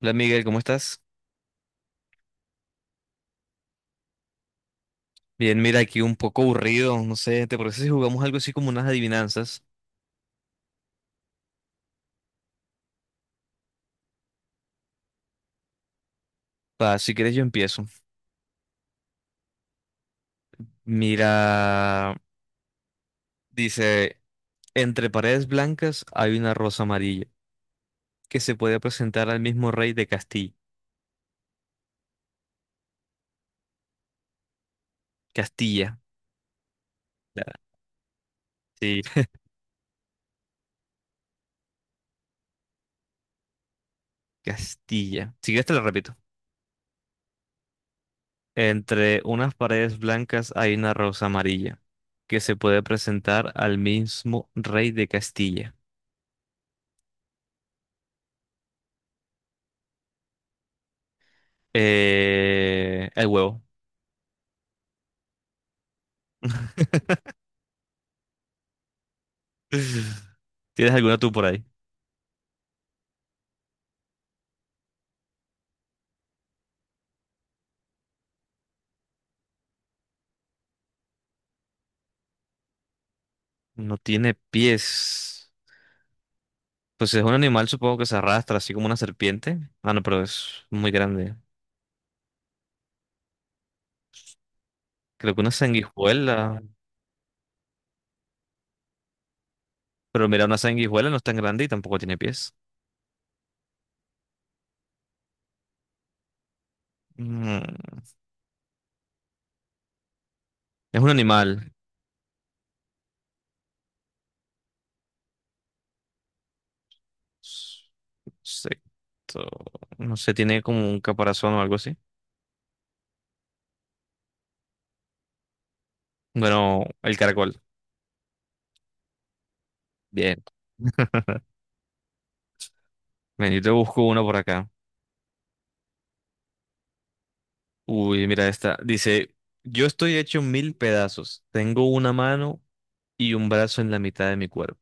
Hola Miguel, ¿cómo estás? Bien, mira, aquí un poco aburrido, no sé, ¿te parece si jugamos algo así como unas adivinanzas? Va, si quieres yo empiezo. Mira, dice, entre paredes blancas hay una rosa amarilla que se puede presentar al mismo rey de Castilla. Castilla. Sí, Castilla. Si quieres te lo repito. Entre unas paredes blancas hay una rosa amarilla que se puede presentar al mismo rey de Castilla. El huevo. ¿Tienes alguna tú por ahí? No tiene pies. Pues es un animal, supongo que se arrastra, así como una serpiente. Ah, no, pero es muy grande. Creo que una sanguijuela. Pero mira, una sanguijuela no es tan grande y tampoco tiene pies. Mm, Es un animal. S- Insecto. No sé, tiene como un caparazón o algo así. Bueno, el caracol. Bien. Ven, yo te busco uno por acá. Uy, mira esta. Dice, yo estoy hecho mil pedazos. Tengo una mano y un brazo en la mitad de mi cuerpo.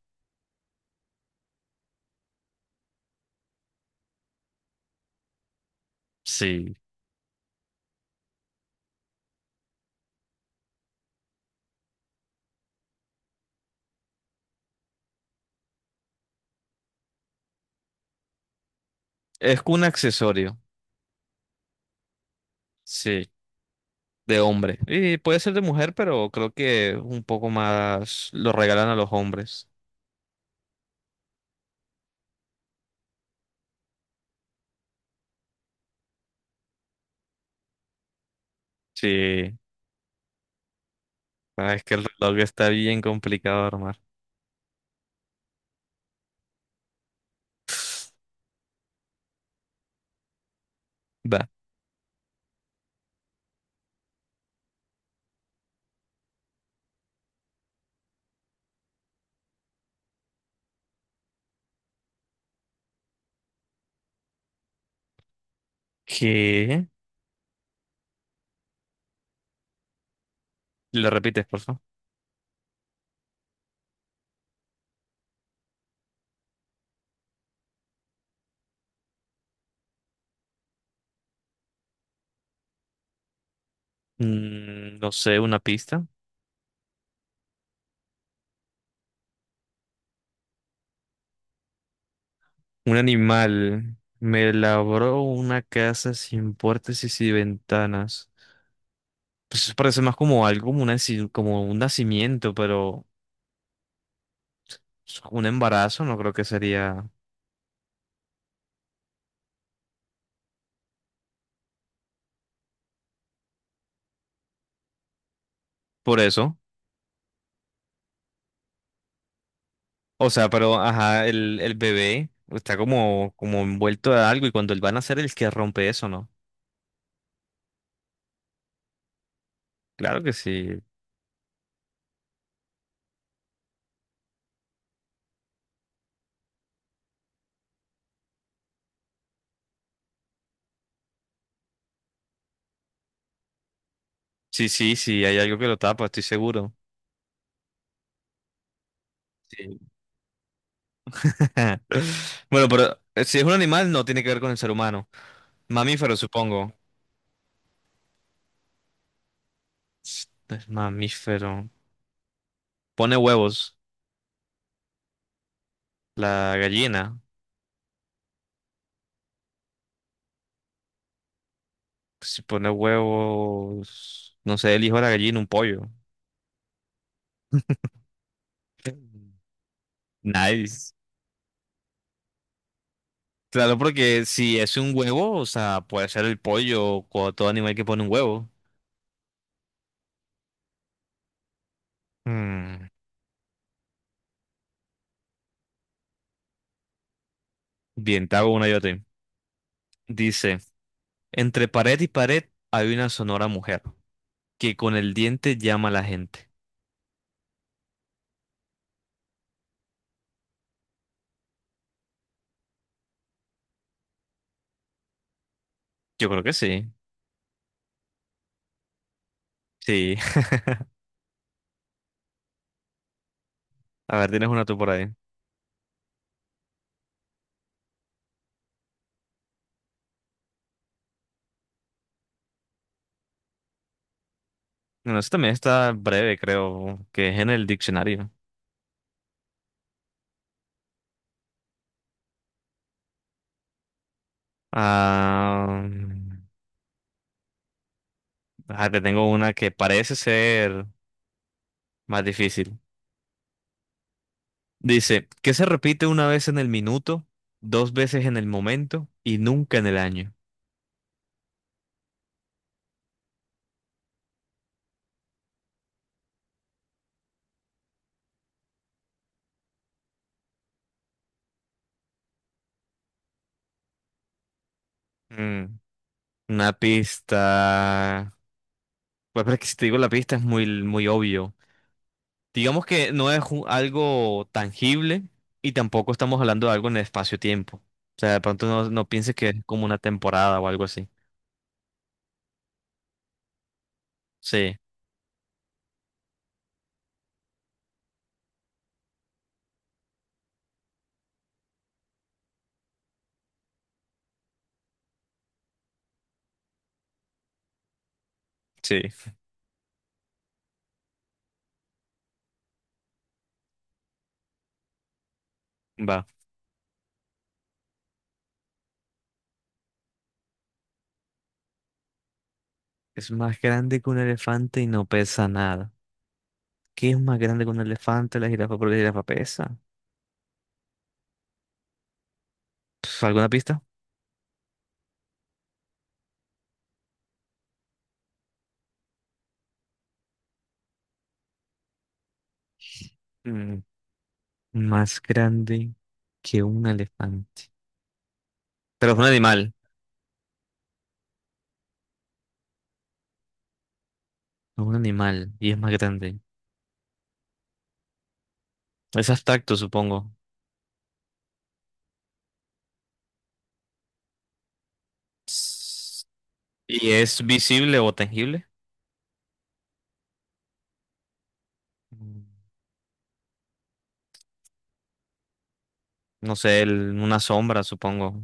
Sí, es un accesorio. Sí, de hombre. Y puede ser de mujer, pero creo que un poco más lo regalan a los hombres. Sí. Ah, es que el reloj está bien complicado de armar. Va. ¿Qué? ¿Lo repites, por favor? Mm, no sé, una pista. Un animal me labró una casa sin puertas y sin ventanas. Pues eso parece más como algo, como, una, como un nacimiento, pero un embarazo no creo que sería por eso. O sea, pero ajá, el bebé está como, como envuelto de algo y cuando él va a nacer el que rompe eso, ¿no? Claro que sí. Sí, sí, sí, hay algo que lo tapa, estoy seguro. Sí. Bueno, pero si es un animal no tiene que ver con el ser humano. Mamífero, supongo. Es mamífero. Pone huevos. La gallina. Si pone huevos, no sé, el hijo de la gallina, un pollo. Nice. Claro, porque si es un huevo, o sea, puede ser el pollo o todo animal que pone un huevo. Mm, bien, te hago una yo a ti. Dice, entre pared y pared hay una sonora mujer que con el diente llama a la gente. Yo creo que sí. Sí. A ver, tienes una tú por ahí. Bueno, esta también está breve, creo, que es en el diccionario. Ah, te tengo una que parece ser más difícil. Dice, ¿qué se repite una vez en el minuto, dos veces en el momento y nunca en el año? Mm, una pista. Pues pero es que si te digo la pista es muy, muy obvio. Digamos que no es algo tangible y tampoco estamos hablando de algo en el espacio-tiempo. O sea, de pronto no, no pienses que es como una temporada o algo así. Sí, sí, va. Es más grande que un elefante y no pesa nada. ¿Qué es más grande que un elefante? La jirafa, porque la jirafa pesa. Pf, ¿alguna pista? Más grande que un elefante. Pero es un animal. No, un animal. Y es más grande. Es abstracto, supongo. Ts- ¿Y es visible o tangible? Mm, no sé, una sombra, supongo.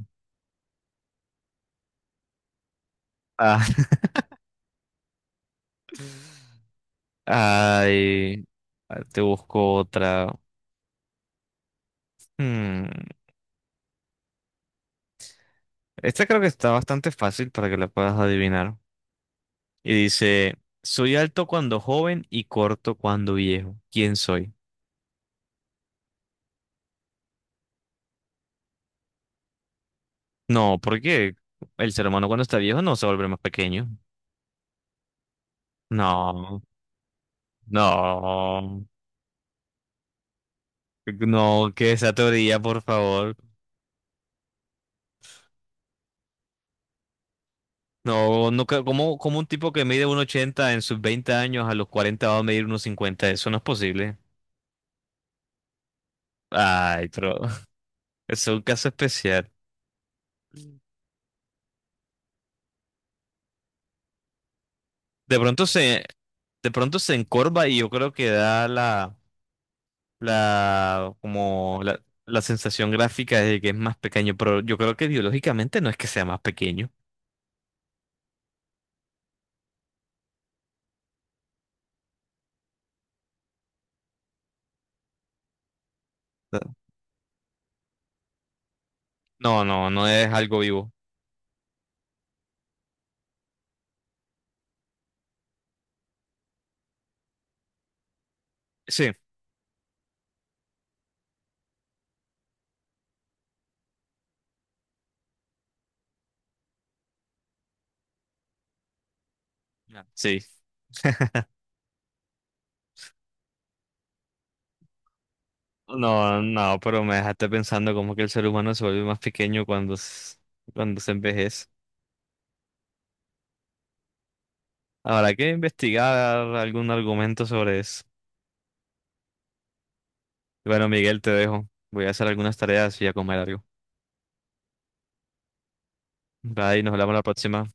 Ah, ay, ah, te busco otra. Hmm, esta creo que está bastante fácil para que la puedas adivinar. Y dice, soy alto cuando joven y corto cuando viejo. ¿Quién soy? No, porque el ser humano cuando está viejo no se vuelve más pequeño. No, no, no, que esa teoría, por favor. No, no, ¿cómo, cómo un tipo que mide 1,80 en sus 20 años a los 40 va a medir 1,50? Eso no es posible. Ay, pero es un caso especial. De pronto se, de pronto se encorva y yo creo que da la sensación gráfica de que es más pequeño, pero yo creo que biológicamente no es que sea más pequeño. No, no, no es algo vivo. Sí, claro. Sí. No, no, pero me dejaste pensando como que el ser humano se vuelve más pequeño cuando, cuando se envejece. Habrá que investigar algún argumento sobre eso. Bueno, Miguel, te dejo. Voy a hacer algunas tareas y a comer algo. Bye, nos hablamos la próxima.